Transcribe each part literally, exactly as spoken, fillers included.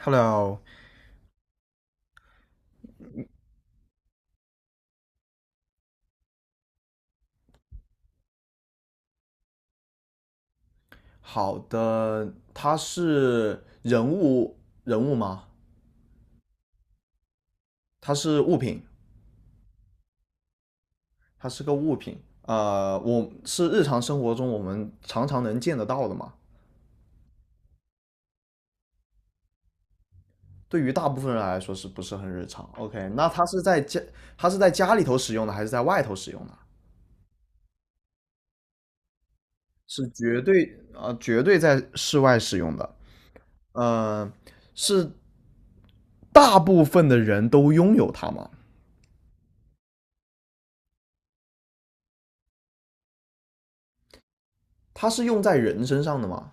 Hello，好的，它是人物人物吗？它是物品，它是个物品。呃，我是日常生活中我们常常能见得到的嘛。对于大部分人来说是不是很日常？OK，那它是在家，它是在家里头使用的，还是在外头使用的？是绝对呃，绝对在室外使用的。呃，是大部分的人都拥有它吗？它是用在人身上的吗？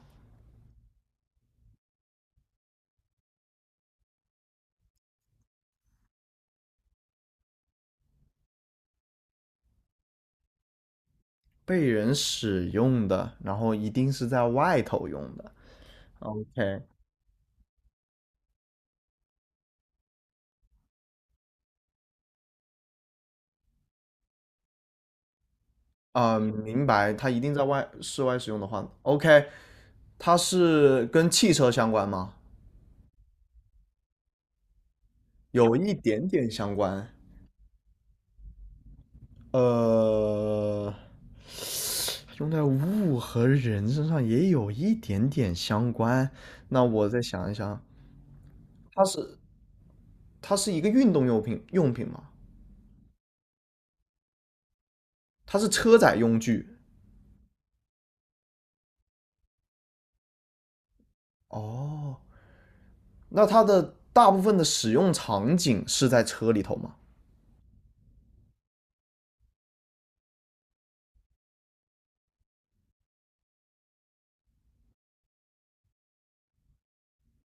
被人使用的，然后一定是在外头用的。OK，啊、明白，它一定在外室外使用的话，OK，它是跟汽车相关吗？有一点点相关。呃，用在物和人身上也有一点点相关。那我再想一想，它是它是一个运动用品用品吗？它是车载用具。哦，那它的大部分的使用场景是在车里头吗？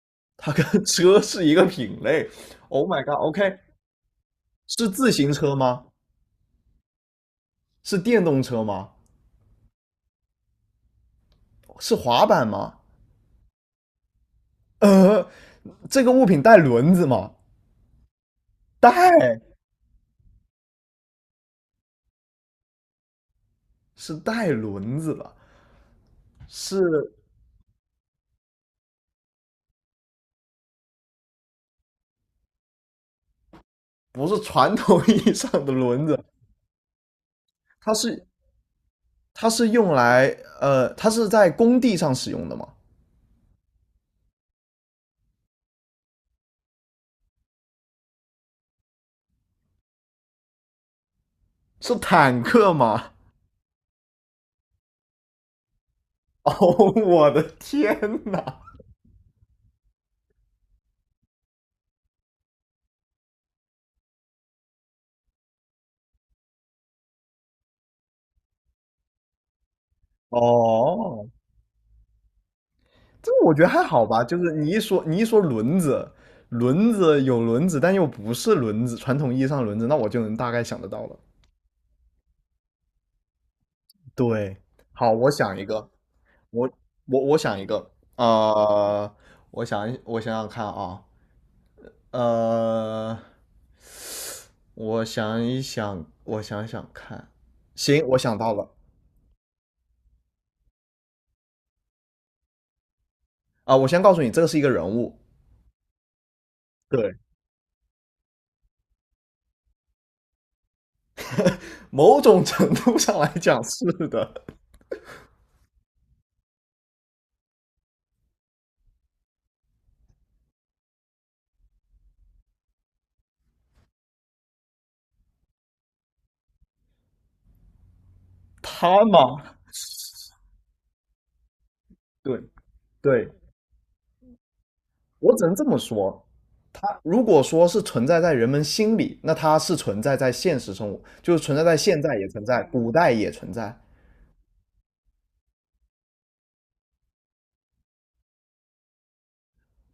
它跟车是一个品类。Oh my god，OK，、是自行车吗？是电动车吗？是滑板吗？呃，这个物品带轮子吗？带，是带轮子的，是不是传统意义上的轮子？它是它是用来呃，它是在工地上使用的吗？是坦克吗？哦，我的天呐！哦，这我觉得还好吧，就是你一说你一说轮子，轮子有轮子，但又不是轮子，传统意义上的轮子，那我就能大概想得到了。对，好，我想一个，我我我想一个，呃，我想一我想想看啊，呃，我想一想，我想想看，行，我想到了啊，我先告诉你，这个是一个人物，对，某种程度上来讲是的，他嘛，对对，我只能这么说，它如果说是存在在人们心里，那它是存在在现实生活，就是存在在现在也存在，古代也存在。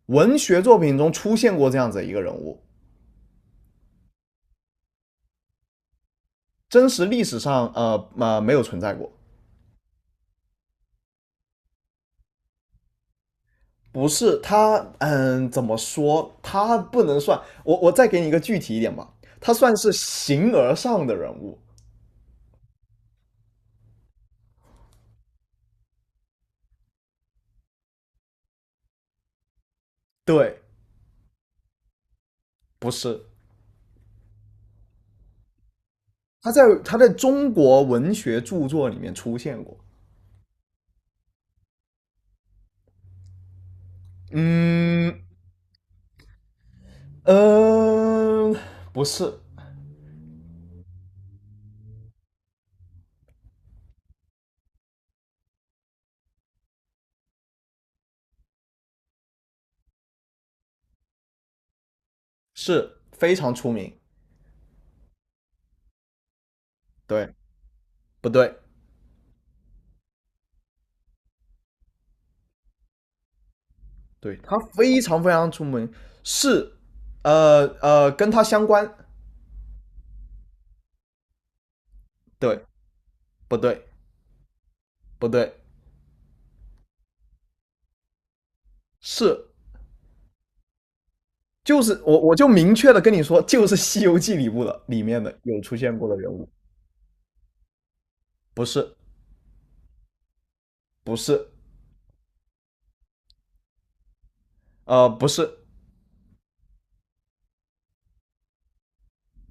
文学作品中出现过这样子一个人物，真实历史上呃呃没有存在过。不是他，嗯，怎么说？他不能算我，我再给你一个具体一点吧，他算是形而上的人物。对，不是他在他在中国文学著作里面出现过。嗯嗯、呃不是。是非常出名，对不对？对，他非常非常出名，是，呃呃，跟他相关，对，不对？不对，是，就是我我就明确的跟你说，就是《西游记》里部的里面的有出现过的人物，不是，不是，呃，不是，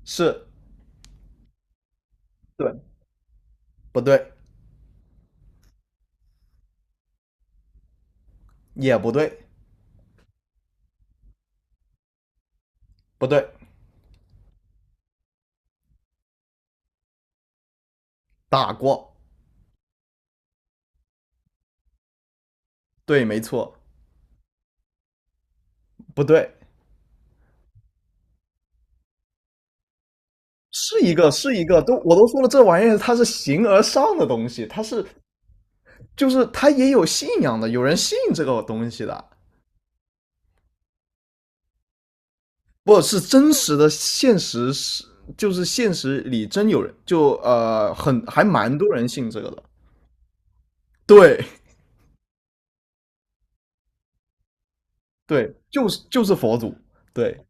是，对，不对？也不对，不对，打过，对，没错，不对，是一个，是一个，都我都说了，这玩意儿它是形而上的东西，它是就是他也有信仰的，有人信这个东西的，不是真实的现实是，就是现实里真有人，就呃很还蛮多人信这个的，对对，就是就是佛祖，对，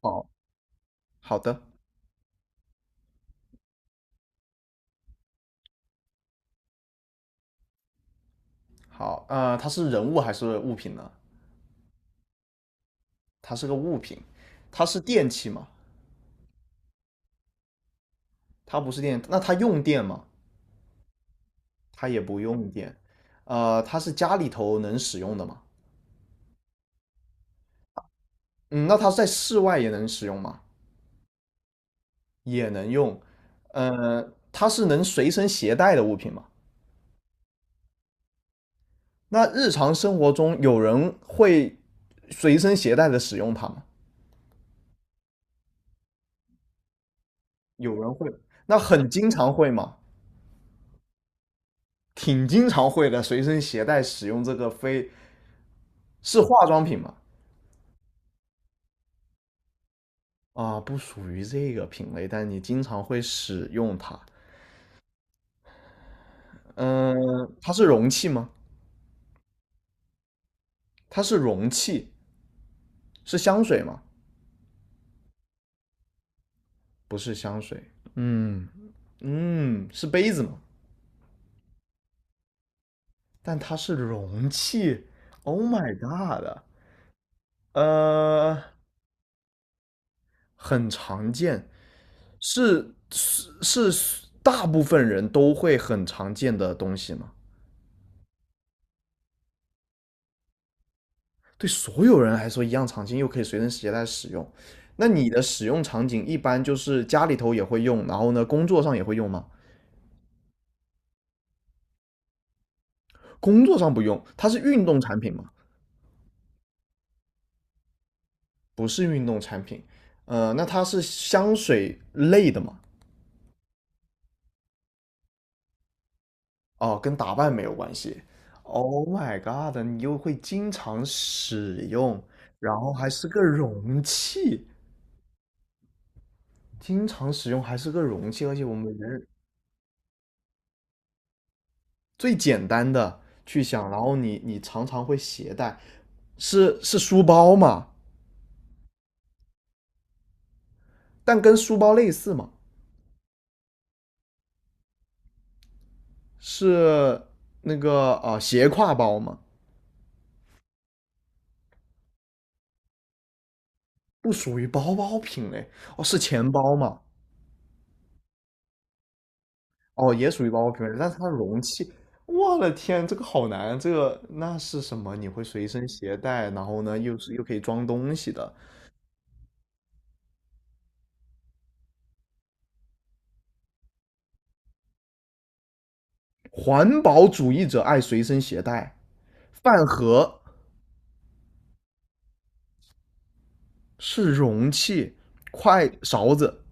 好好的好，呃，它是人物还是物品呢？它是个物品，它是电器吗？它不是电，那它用电吗？它也不用电，呃，它是家里头能使用的吗？嗯，那它在室外也能使用吗？也能用，呃，它是能随身携带的物品吗？那日常生活中有人会随身携带的使用它吗？有人会，那很经常会吗？挺经常会的，随身携带使用这个非是化妆品吗？啊，不属于这个品类，但你经常会使用它。嗯，它是容器吗？它是容器，是香水吗？不是香水。嗯嗯，是杯子吗？但它是容器，Oh my god！呃，很常见，是是是大部分人都会很常见的东西吗？对所有人来说一样常见，又可以随身携带使用。那你的使用场景一般就是家里头也会用，然后呢，工作上也会用吗？工作上不用，它是运动产品吗？不是运动产品。呃，那它是香水类的吗？哦，跟打扮没有关系。Oh my god！你又会经常使用，然后还是个容器，经常使用还是个容器，而且我们人最简单的去想，然后你你常常会携带，是是书包嘛？但跟书包类似嘛？是那个啊、呃斜挎包嘛？不属于包包品类哦，是钱包嘛？哦，也属于包包品牌，但是它容器，我的天，这个好难，这个那是什么？你会随身携带，然后呢，又是又可以装东西的。环保主义者爱随身携带，饭盒是容器，筷勺子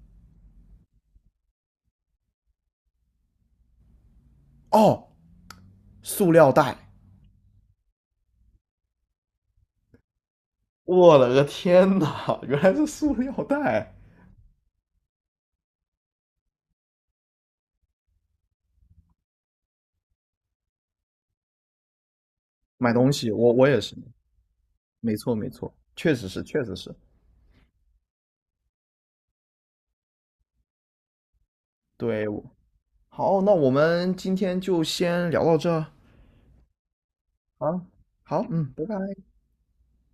哦，塑料袋。我了个天呐，原来是塑料袋。买东西，我我也是，没错没错，确实是确实是。对，我好，那我们今天就先聊到这儿。好，好，嗯，拜拜。